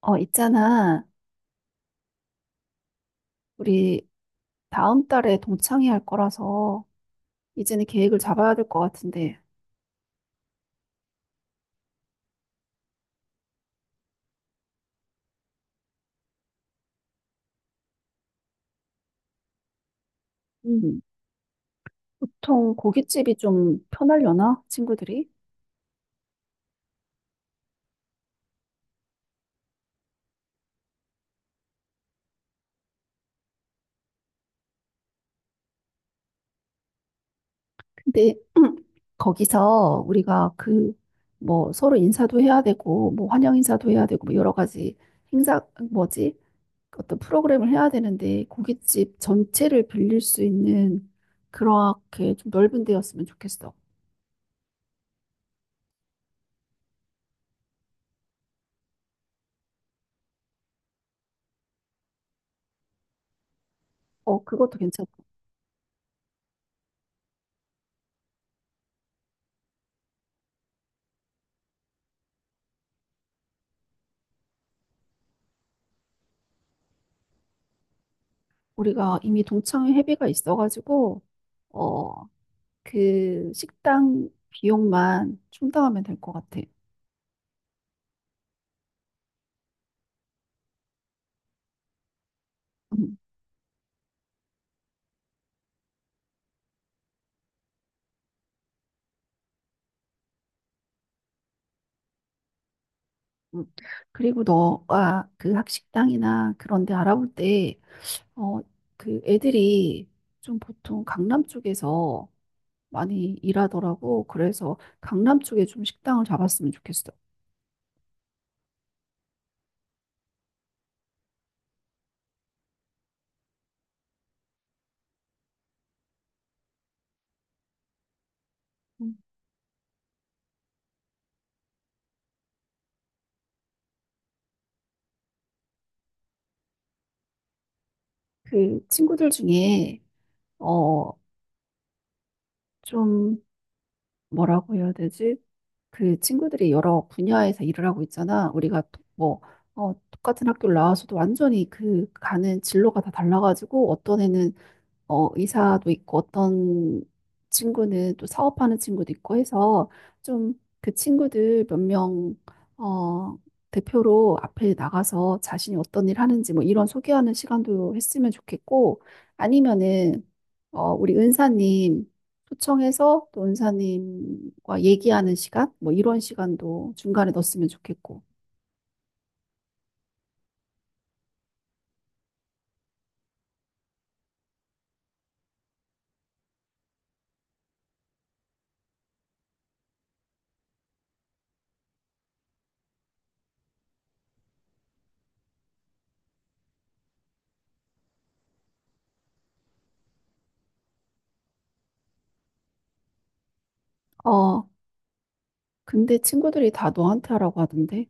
있잖아. 우리 다음 달에 동창회 할 거라서 이제는 계획을 잡아야 될 것 같은데. 음, 보통 고깃집이 좀 편하려나? 친구들이? 근데 거기서 우리가 그 뭐 서로 인사도 해야 되고 뭐 환영 인사도 해야 되고 뭐 여러 가지 행사 뭐지? 어떤 프로그램을 해야 되는데 고깃집 전체를 빌릴 수 있는 그렇게 좀 넓은 데였으면 좋겠어. 그것도 괜찮아. 우리가 이미 동창회 회비가 있어가지고 어, 그 식당 비용만 충당하면 될 것 같아. 음, 음. 그리고 너가 그 학식당이나 그런 데 알아볼 때, 어, 그 애들이 좀 보통 강남 쪽에서 많이 일하더라고. 그래서 강남 쪽에 좀 식당을 잡았으면 좋겠어. 음. 그 친구들 중에, 어, 좀 뭐라고 해야 되지? 그 친구들이 여러 분야에서 일을 하고 있잖아. 우리가 또 뭐, 똑같은 학교를 나와서도 완전히 그 가는 진로가 다 달라가지고 어떤 애는 의사도 있고 어떤 친구는 또 사업하는 친구도 있고 해서 좀 그 친구들 몇 명, 어, 대표로 앞에 나가서 자신이 어떤 일 하는지 뭐 이런 소개하는 시간도 했으면 좋겠고 아니면은 우리 은사님 초청해서 또 은사님과 얘기하는 시간 뭐 이런 시간도 중간에 넣었으면 좋겠고. 어, 근데 친구들이 다 너한테 하라고 하던데.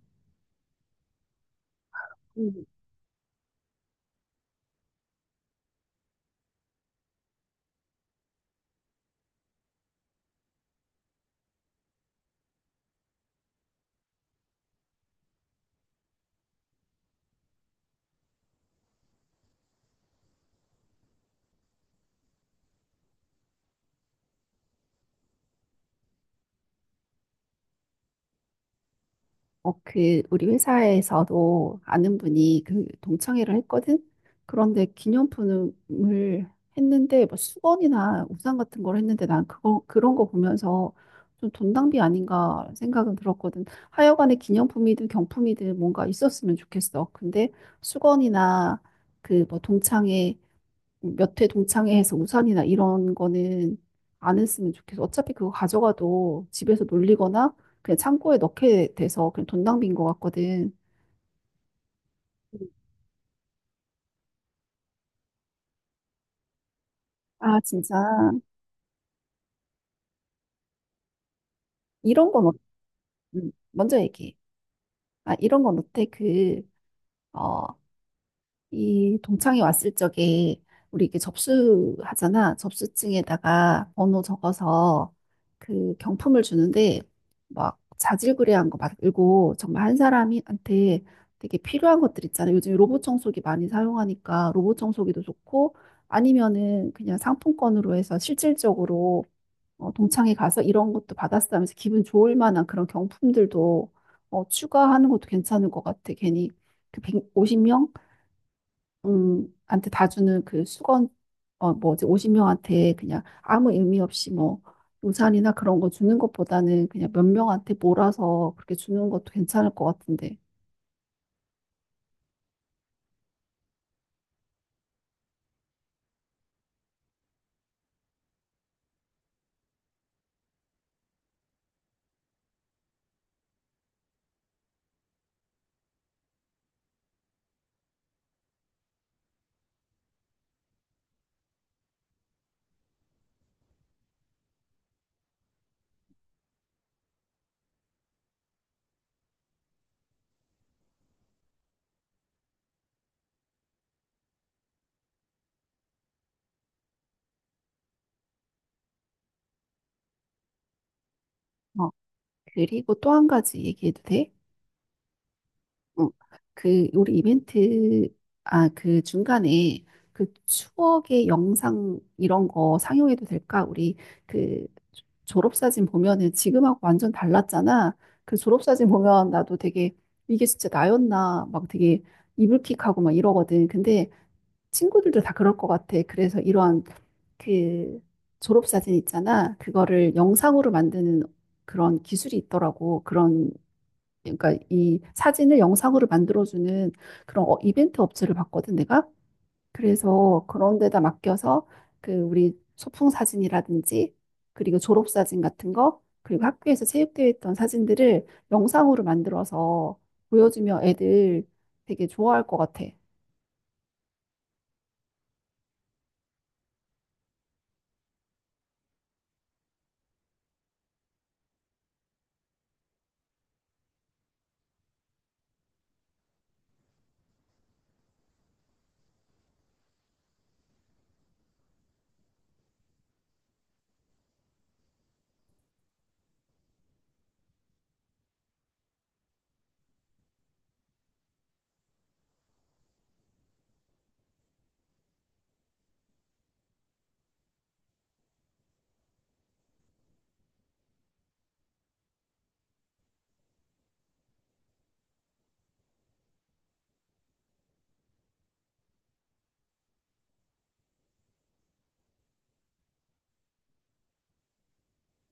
그, 우리 회사에서도 아는 분이 그 동창회를 했거든? 그런데 기념품을 했는데, 뭐 수건이나 우산 같은 걸 했는데 난 그거, 그런 거 보면서 좀 돈 낭비 아닌가 생각은 들었거든. 하여간에 기념품이든 경품이든 뭔가 있었으면 좋겠어. 근데 수건이나 그 뭐 동창회 몇 회 동창회에서 우산이나 이런 거는 안 했으면 좋겠어. 어차피 그거 가져가도 집에서 놀리거나 그냥 창고에 넣게 돼서 그냥 돈 낭비인 것 같거든. 음. 아, 진짜. 이런 건, 먼저 얘기해. 아, 이런 건 어때? 그, 어, 이 동창이 왔을 적에 우리 이게 접수하잖아. 접수증에다가 번호 적어서 그 경품을 주는데 막 자질구레한 거 말고 정말 한 사람한테 되게 필요한 것들 있잖아. 요즘 로봇 청소기 많이 사용하니까 로봇 청소기도 좋고 아니면은 그냥 상품권으로 해서 실질적으로 동창회 가서 이런 것도 받았어 하면서 기분 좋을 만한 그런 경품들도 추가하는 것도 괜찮을 것 같아. 괜히 그 150명? 한테 다 주는 그 수건, 뭐지, 50명한테 그냥 아무 의미 없이 뭐, 우산이나 그런 거 주는 것보다는 그냥 몇 명한테 몰아서 그렇게 주는 것도 괜찮을 것 같은데. 어, 그리고 또 한 가지 얘기해도 돼? 어, 그 우리 이벤트 아 그 중간에 그 추억의 영상 이런 거 상영해도 될까? 우리 그 졸업사진 보면은 지금하고 완전 달랐잖아. 그 졸업사진 보면 나도 되게 이게 진짜 나였나 막 되게 이불킥하고 막 이러거든. 근데 친구들도 다 그럴 것 같아. 그래서 이러한 그 졸업사진 있잖아. 그거를 영상으로 만드는 그런 기술이 있더라고. 그런 그러니까 이 사진을 영상으로 만들어주는 그런 이벤트 업체를 봤거든, 내가. 그래서 그런 데다 맡겨서 그 우리 소풍 사진이라든지 그리고 졸업 사진 같은 거 그리고 학교에서 체육대회 했던 사진들을 영상으로 만들어서 보여주면 애들 되게 좋아할 것 같아.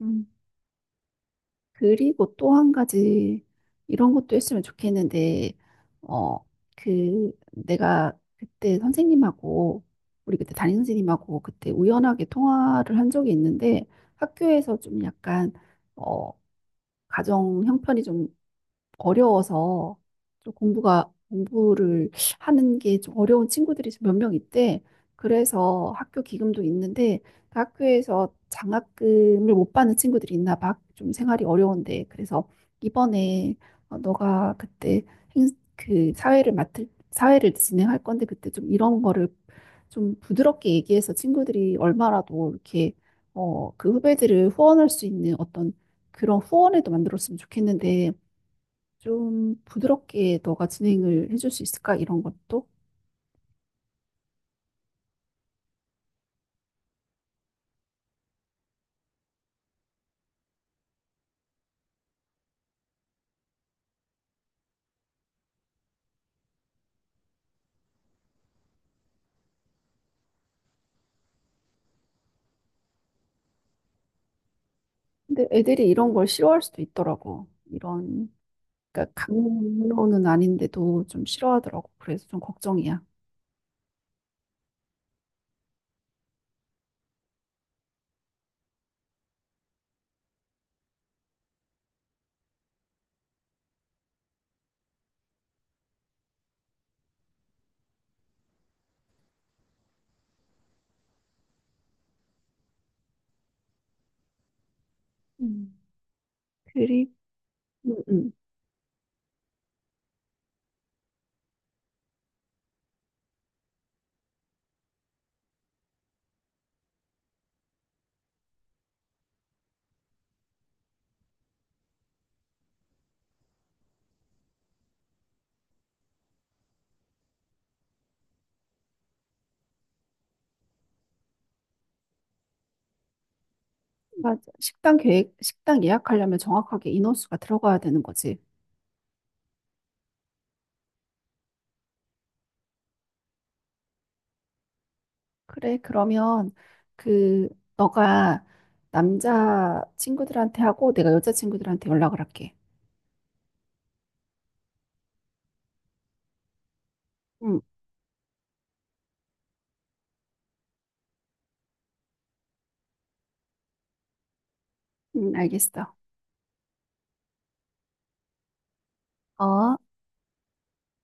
음. 그리고 또 한 가지 이런 것도 했으면 좋겠는데, 어, 그 내가 그때 선생님하고 우리 그때 담임 선생님하고 그때 우연하게 통화를 한 적이 있는데 학교에서 좀 약간 어, 가정 형편이 좀 어려워서 좀 공부가 공부를 하는 게 좀 어려운 친구들이 몇 명 있대. 그래서 학교 기금도 있는데 그 학교에서 장학금을 못 받는 친구들이 있나 봐. 좀 생활이 어려운데. 그래서 이번에 너가 그때 행, 그 사회를 진행할 건데 그때 좀 이런 거를 좀 부드럽게 얘기해서 친구들이 얼마라도 이렇게 그 후배들을 후원할 수 있는 어떤 그런 후원에도 만들었으면 좋겠는데 좀 부드럽게 너가 진행을 해줄 수 있을까? 이런 것도. 근데 애들이 이런 걸 싫어할 수도 있더라고. 이런, 그러니까 강요는 아닌데도 좀 싫어하더라고. 그래서 좀 걱정이야. 음. 그리고, 음, 음. 맞아. 식당 계획, 식당 예약하려면 정확하게 인원수가 들어가야 되는 거지. 그래, 그러면 그, 너가 남자 친구들한테 하고 내가 여자 친구들한테 연락을 할게. 응, 응, 알겠어. 어.